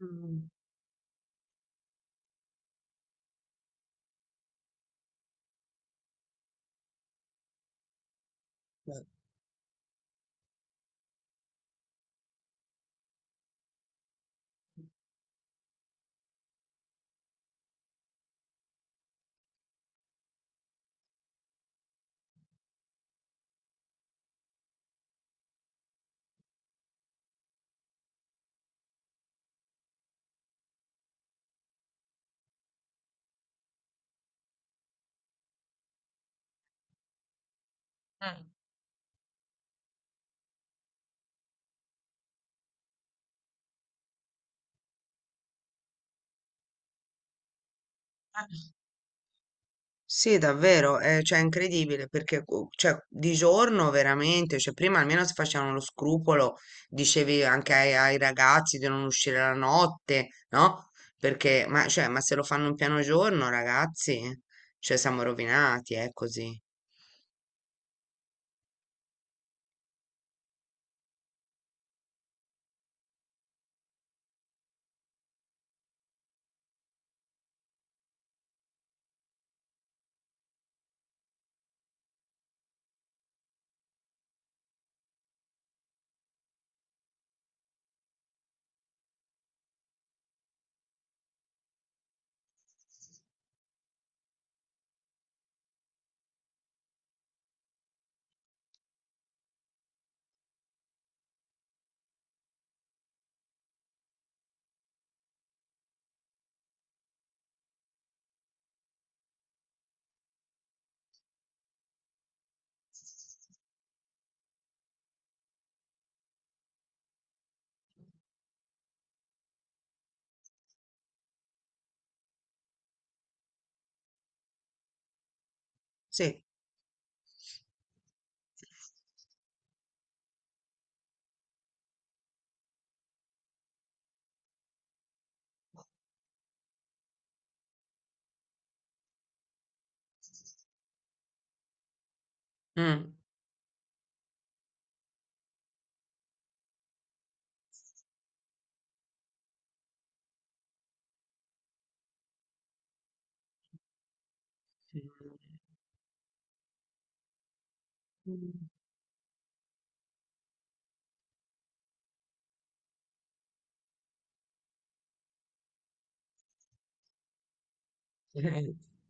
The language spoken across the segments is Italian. Mm. Beh. Mm. Eh. Sì, davvero, cioè è incredibile perché cioè, di giorno veramente, cioè, prima almeno si facevano lo scrupolo, dicevi anche ai ragazzi di non uscire la notte, no? Perché, ma, cioè, ma se lo fanno in piano giorno, ragazzi, cioè siamo rovinati, è così. Sì. Mm. Mm.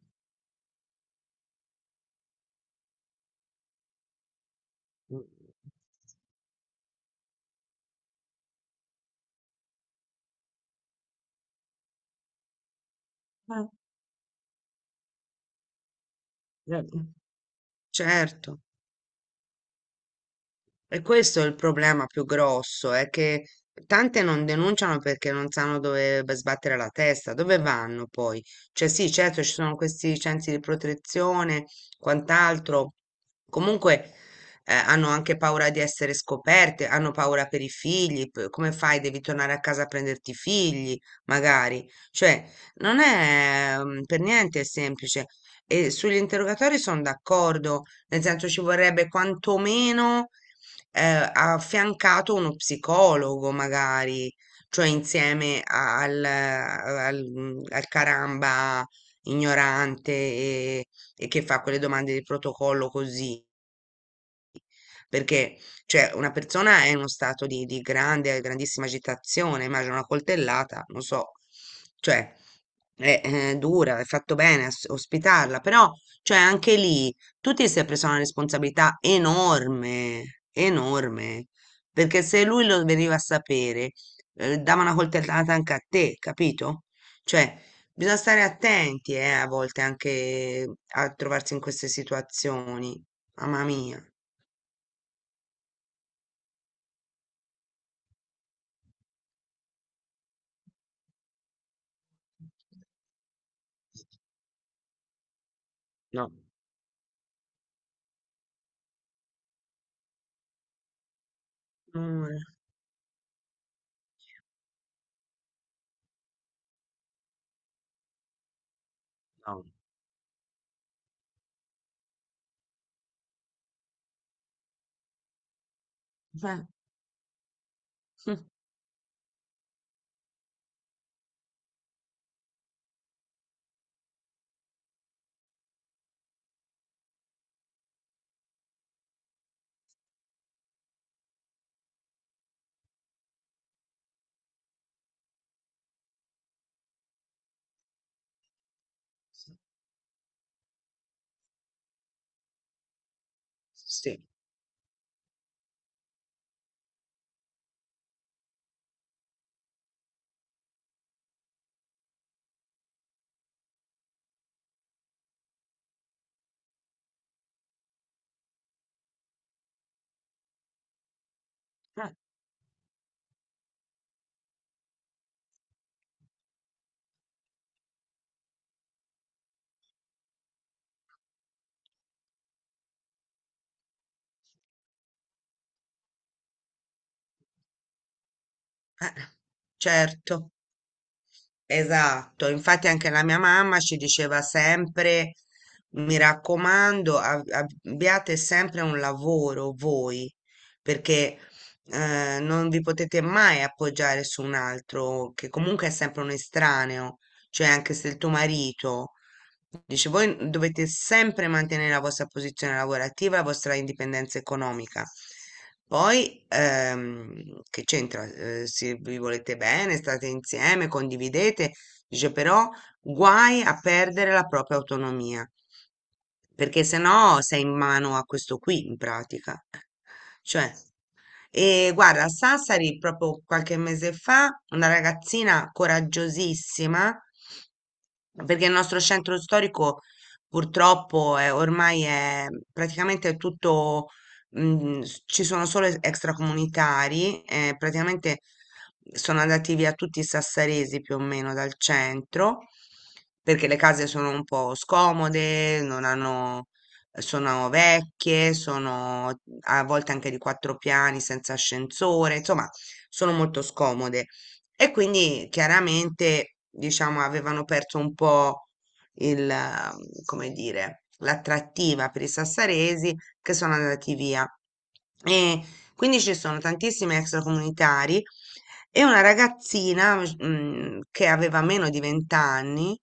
Eh. Certo. E questo è il problema più grosso, è che tante non denunciano perché non sanno dove sbattere la testa, dove vanno poi? Cioè sì, certo ci sono questi centri di protezione, quant'altro, comunque hanno anche paura di essere scoperte, hanno paura per i figli, come fai? Devi tornare a casa a prenderti i figli, magari. Cioè, non è per niente semplice. E sugli interrogatori sono d'accordo, nel senso ci vorrebbe quantomeno affiancato uno psicologo magari, cioè insieme al caramba ignorante e che fa quelle domande di protocollo così. Perché, cioè, una persona è in uno stato di grande, grandissima agitazione, immagino una coltellata, non so, cioè, è dura, è fatto bene ospitarla, però, cioè, anche lì tu ti sei preso una responsabilità enorme, enorme, perché se lui lo veniva a sapere, dava una coltellata anche a te, capito? Cioè, bisogna stare attenti, a volte anche a trovarsi in queste situazioni, mamma mia. No. Mh. No. Eh. Mh. Sì. Eh. Eh. Certo, esatto. Infatti anche la mia mamma ci diceva sempre: "Mi raccomando, a abbiate sempre un lavoro voi, perché, non vi potete mai appoggiare su un altro, che comunque è sempre un estraneo, cioè anche se il tuo marito dice, voi dovete sempre mantenere la vostra posizione lavorativa, la vostra indipendenza economica. Poi, che c'entra? Se vi volete bene, state insieme, condividete, dice però guai a perdere la propria autonomia, perché sennò sei in mano a questo qui, in pratica. Cioè, e guarda, a Sassari proprio qualche mese fa, una ragazzina coraggiosissima perché il nostro centro storico purtroppo è, ormai è praticamente tutto, ci sono solo extracomunitari, praticamente sono andati via tutti i sassaresi più o meno dal centro, perché le case sono un po' scomode, non hanno, sono vecchie, sono a volte anche di quattro piani senza ascensore, insomma, sono molto scomode. E quindi chiaramente, diciamo, avevano perso un po' il, come dire, l'attrattiva per i sassaresi che sono andati via. E quindi ci sono tantissimi extracomunitari e una ragazzina, che aveva meno di 20 anni,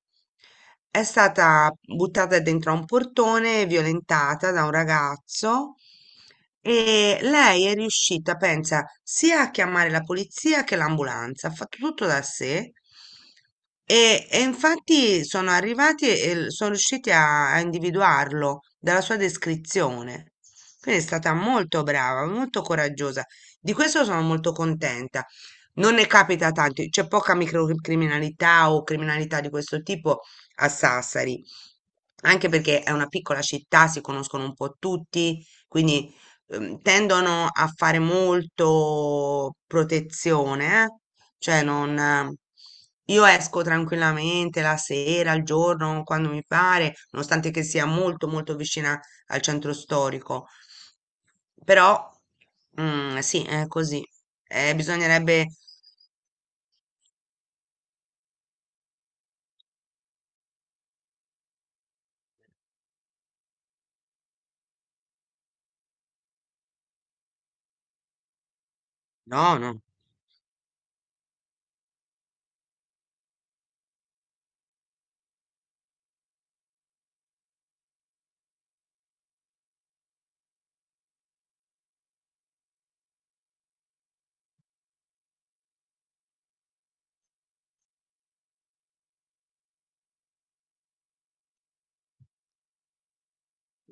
è stata buttata dentro a un portone, violentata da un ragazzo e lei è riuscita, pensa, sia a chiamare la polizia che l'ambulanza, ha fatto tutto da sé e infatti sono arrivati e sono riusciti a individuarlo dalla sua descrizione. Quindi è stata molto brava, molto coraggiosa. Di questo sono molto contenta. Non ne capita tanto, c'è poca microcriminalità o criminalità di questo tipo a Sassari, anche perché è una piccola città, si conoscono un po' tutti, quindi tendono a fare molto protezione, eh. Cioè non. Io esco tranquillamente la sera, al giorno, quando mi pare, nonostante che sia molto molto vicina al centro storico, però sì, è così. Bisognerebbe. No, no.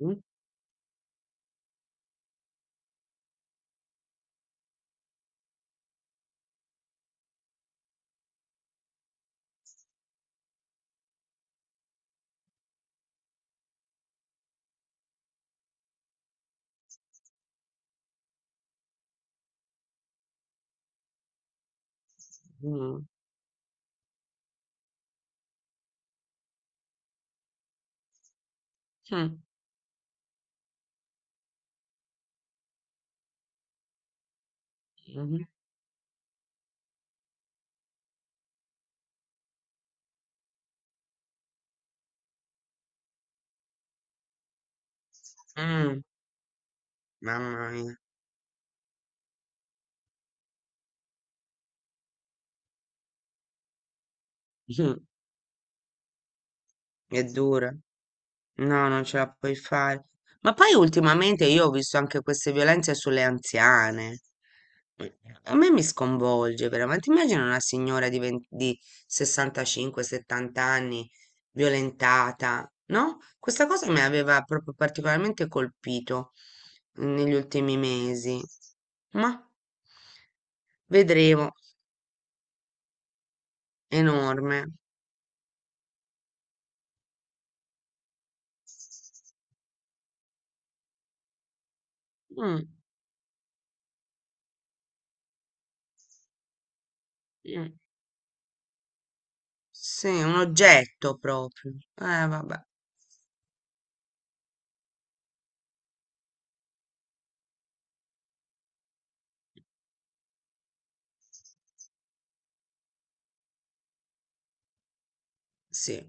Mm, mm, mm, mm, mm. Mamma mia. Mh, è dura. No, non ce la puoi fare. Ma poi ultimamente io ho visto anche queste violenze sulle anziane. Eh, A me mi sconvolge veramente. Immagina una signora di 20 di 65-70 anni violentata, no? Questa cosa mi aveva proprio particolarmente colpito negli ultimi mesi. Ma vedremo, enorme. Mm, mm. Sì, un oggetto proprio. Vabbè. Sì.